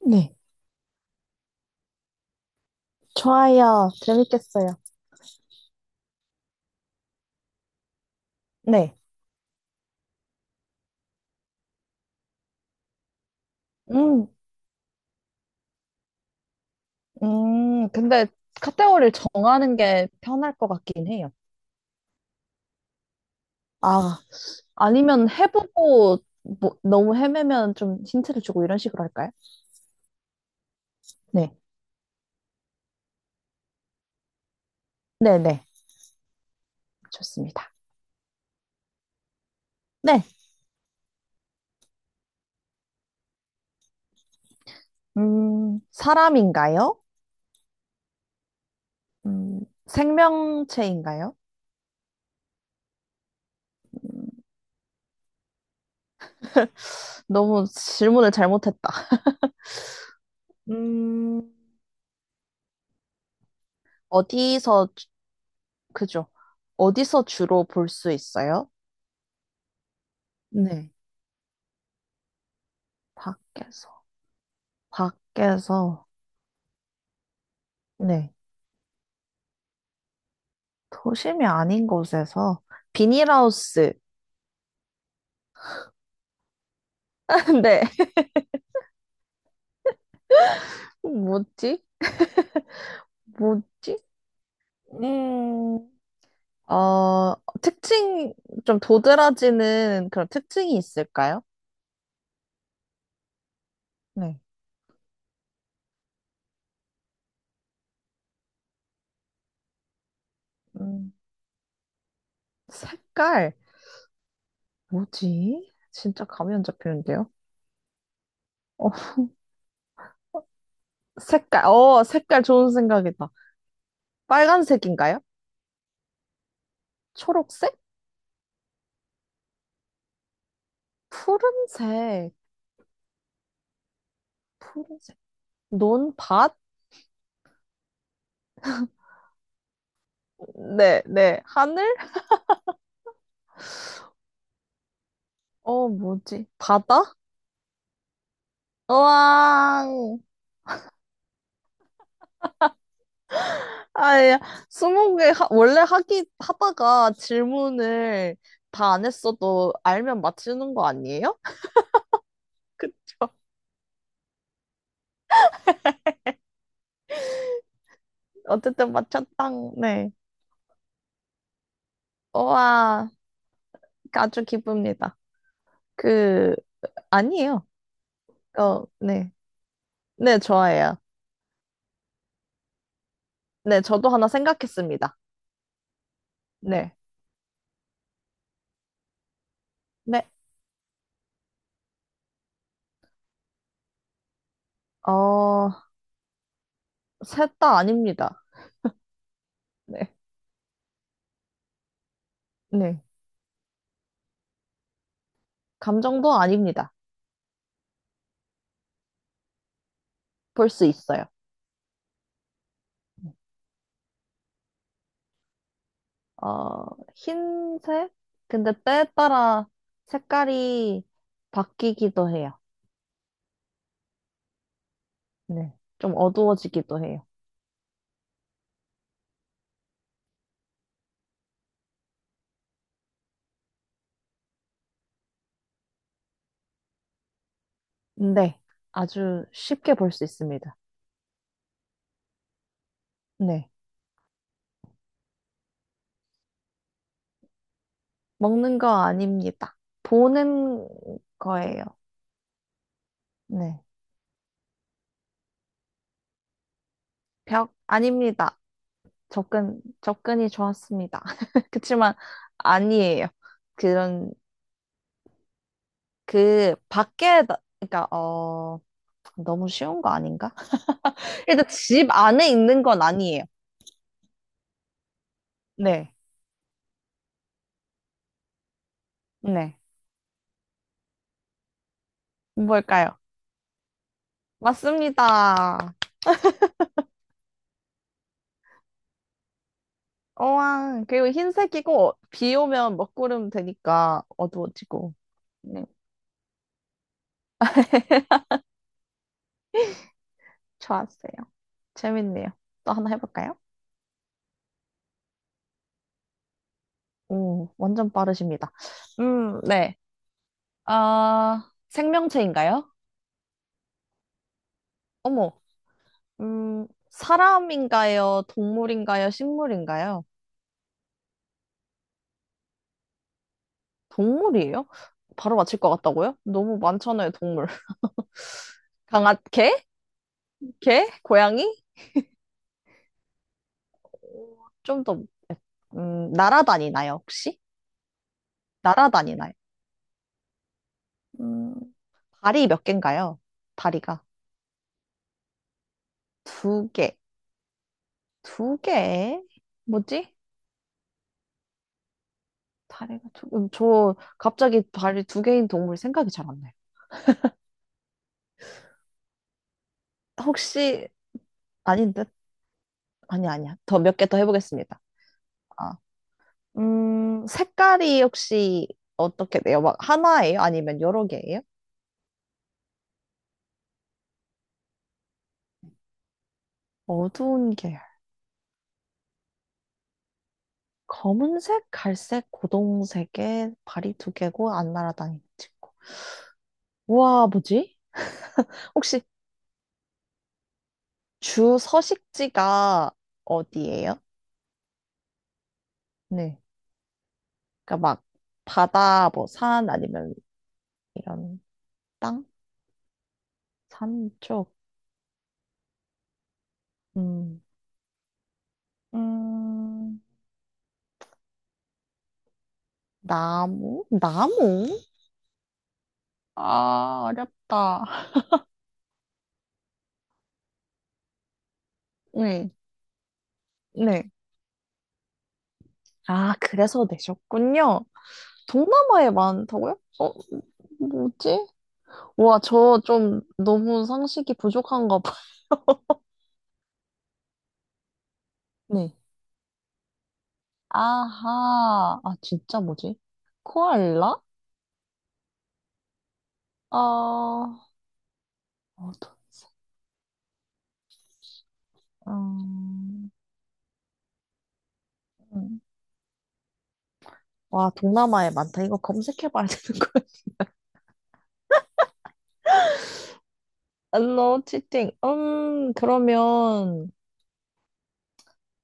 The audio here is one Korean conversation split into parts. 네. 좋아요. 재밌겠어요. 네. 음, 근데 카테고리를 정하는 게 편할 것 같긴 해요. 아, 아니면 해보고 너무 헤매면 좀 힌트를 주고 이런 식으로 할까요? 네. 네네. 좋습니다. 네. 사람인가요? 음, 생명체인가요? 너무 질문을 잘못했다. 음, 어디서, 그죠? 어디서 주로 볼 수 있어요? 네. 밖에서. 밖에서, 네. 도심이 아닌 곳에서, 비닐하우스. 네. 뭐지? 뭐지? 음, 어, 특징, 좀 도드라지는 그런 특징이 있을까요? 네. 음, 색깔. 뭐지? 진짜 감이 안 잡히는데요? 어, 색깔. 색깔 좋은 생각이다. 빨간색인가요? 초록색? 푸른색. 푸른색. 논밭? 네, 네. 하늘? 뭐지? 바다? 우와. 아야. 원래 하기 하다가 질문을 다 안 했어도 알면 맞추는 거 아니에요? 그쵸? 어쨌든 맞췄당. 네. 우와. 아주 기쁩니다. 그 아니에요. 어, 네. 네, 좋아해요. 네, 저도 하나 생각했습니다. 네. 네. 어, 셋 다 아닙니다. 네. 네. 감정도 아닙니다. 볼 수 있어요. 어, 흰색? 근데 때에 따라 색깔이 바뀌기도 해요. 네. 좀 어두워지기도 해요. 네. 아주 쉽게 볼 수 있습니다. 네. 먹는 거 아닙니다. 보는 거예요. 네. 벽 아닙니다. 접근이 좋았습니다. 그치만 아니에요. 그런, 밖에, 그러니까, 어, 너무 쉬운 거 아닌가? 일단 집 안에 있는 건 아니에요. 네. 네. 뭘까요? 맞습니다. 우와, 그리고 흰색이고, 비 오면 먹구름 되니까 어두워지고. 네, 좋았어요. 재밌네요. 또 하나 해볼까요? 오, 완전 빠르십니다. 네. 생명체인가요? 어머, 사람인가요? 동물인가요? 식물인가요? 동물이에요? 바로 맞힐 것 같다고요? 너무 많잖아요, 동물. 개? 개? 고양이? 좀더 날아다니나요, 혹시? 날아다니나요? 음, 다리 몇 개인가요? 다리가. 두 개. 두 개? 뭐지? 저 갑자기 다리 두 개인 동물 생각이 잘 안 나요. 혹시, 아닌 듯? 아니, 아니야. 더 몇 개 더 해보겠습니다. 아, 색깔이 혹시 어떻게 돼요? 막 하나예요? 아니면 여러 개예요? 어두운 계열. 검은색, 갈색, 고동색에 발이 두 개고 안 날아다니는 친구. 우와, 뭐지? 혹시 주 서식지가 어디예요? 네. 그러니까 막 바다, 뭐 산 아니면 이런 땅? 산 쪽? 음, 음, 나무? 나무? 아, 어렵다. 네, 네. 아, 그래서 내셨군요. 동남아에 많다고요? 뭐지? 와, 저 좀 너무 상식이 부족한가 봐. 네. 아하. 아, 진짜 뭐지? 코알라? 아, 어, 음, 음. 와, 동남아에 많다. 이거 검색해봐야 되는 거야. 알로 치팅. 그러면,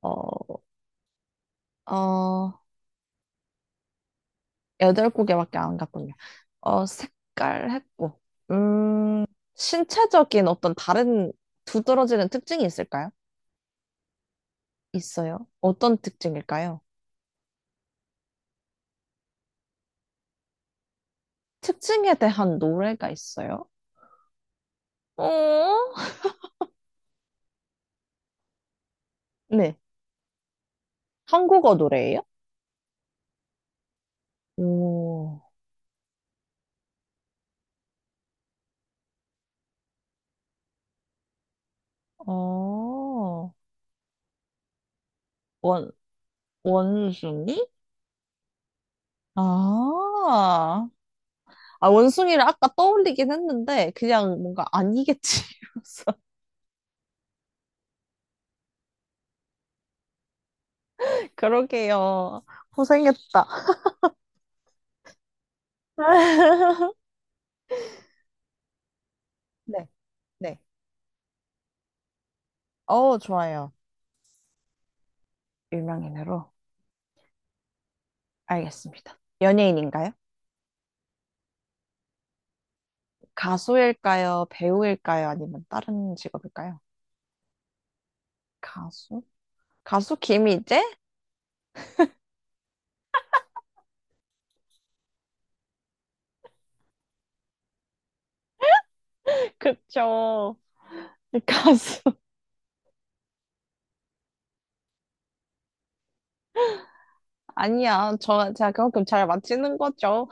어, 어, 여덟 곡에밖에 안 갔군요. 어, 색깔 했고. 음, 신체적인 어떤 다른 두드러지는 특징이 있을까요? 있어요. 어떤 특징일까요? 특징에 대한 노래가 있어요? 어? 네. 한국어 노래예요? 오, 어, 원, 원숭이? 아, 원숭이를 아까 떠올리긴 했는데, 그냥 뭔가 아니겠지. 이러면서. 그러게요. 고생했다. 네, 네. 어, 좋아요. 유명인으로. 알겠습니다. 연예인인가요? 가수일까요? 배우일까요? 아니면 다른 직업일까요? 가수? 가수 김희재? 그쵸. 가수. 아니야. 제가 그만큼 잘 맞히는 거죠.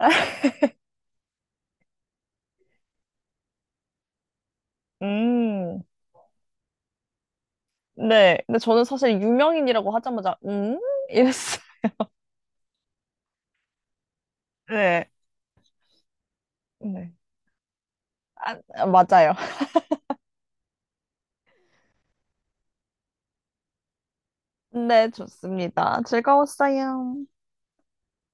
음. 네. 근데 저는 사실 유명인이라고 하자마자, 음? 이랬어요. 네. 네. 아, 아, 맞아요. 네, 좋습니다. 즐거웠어요.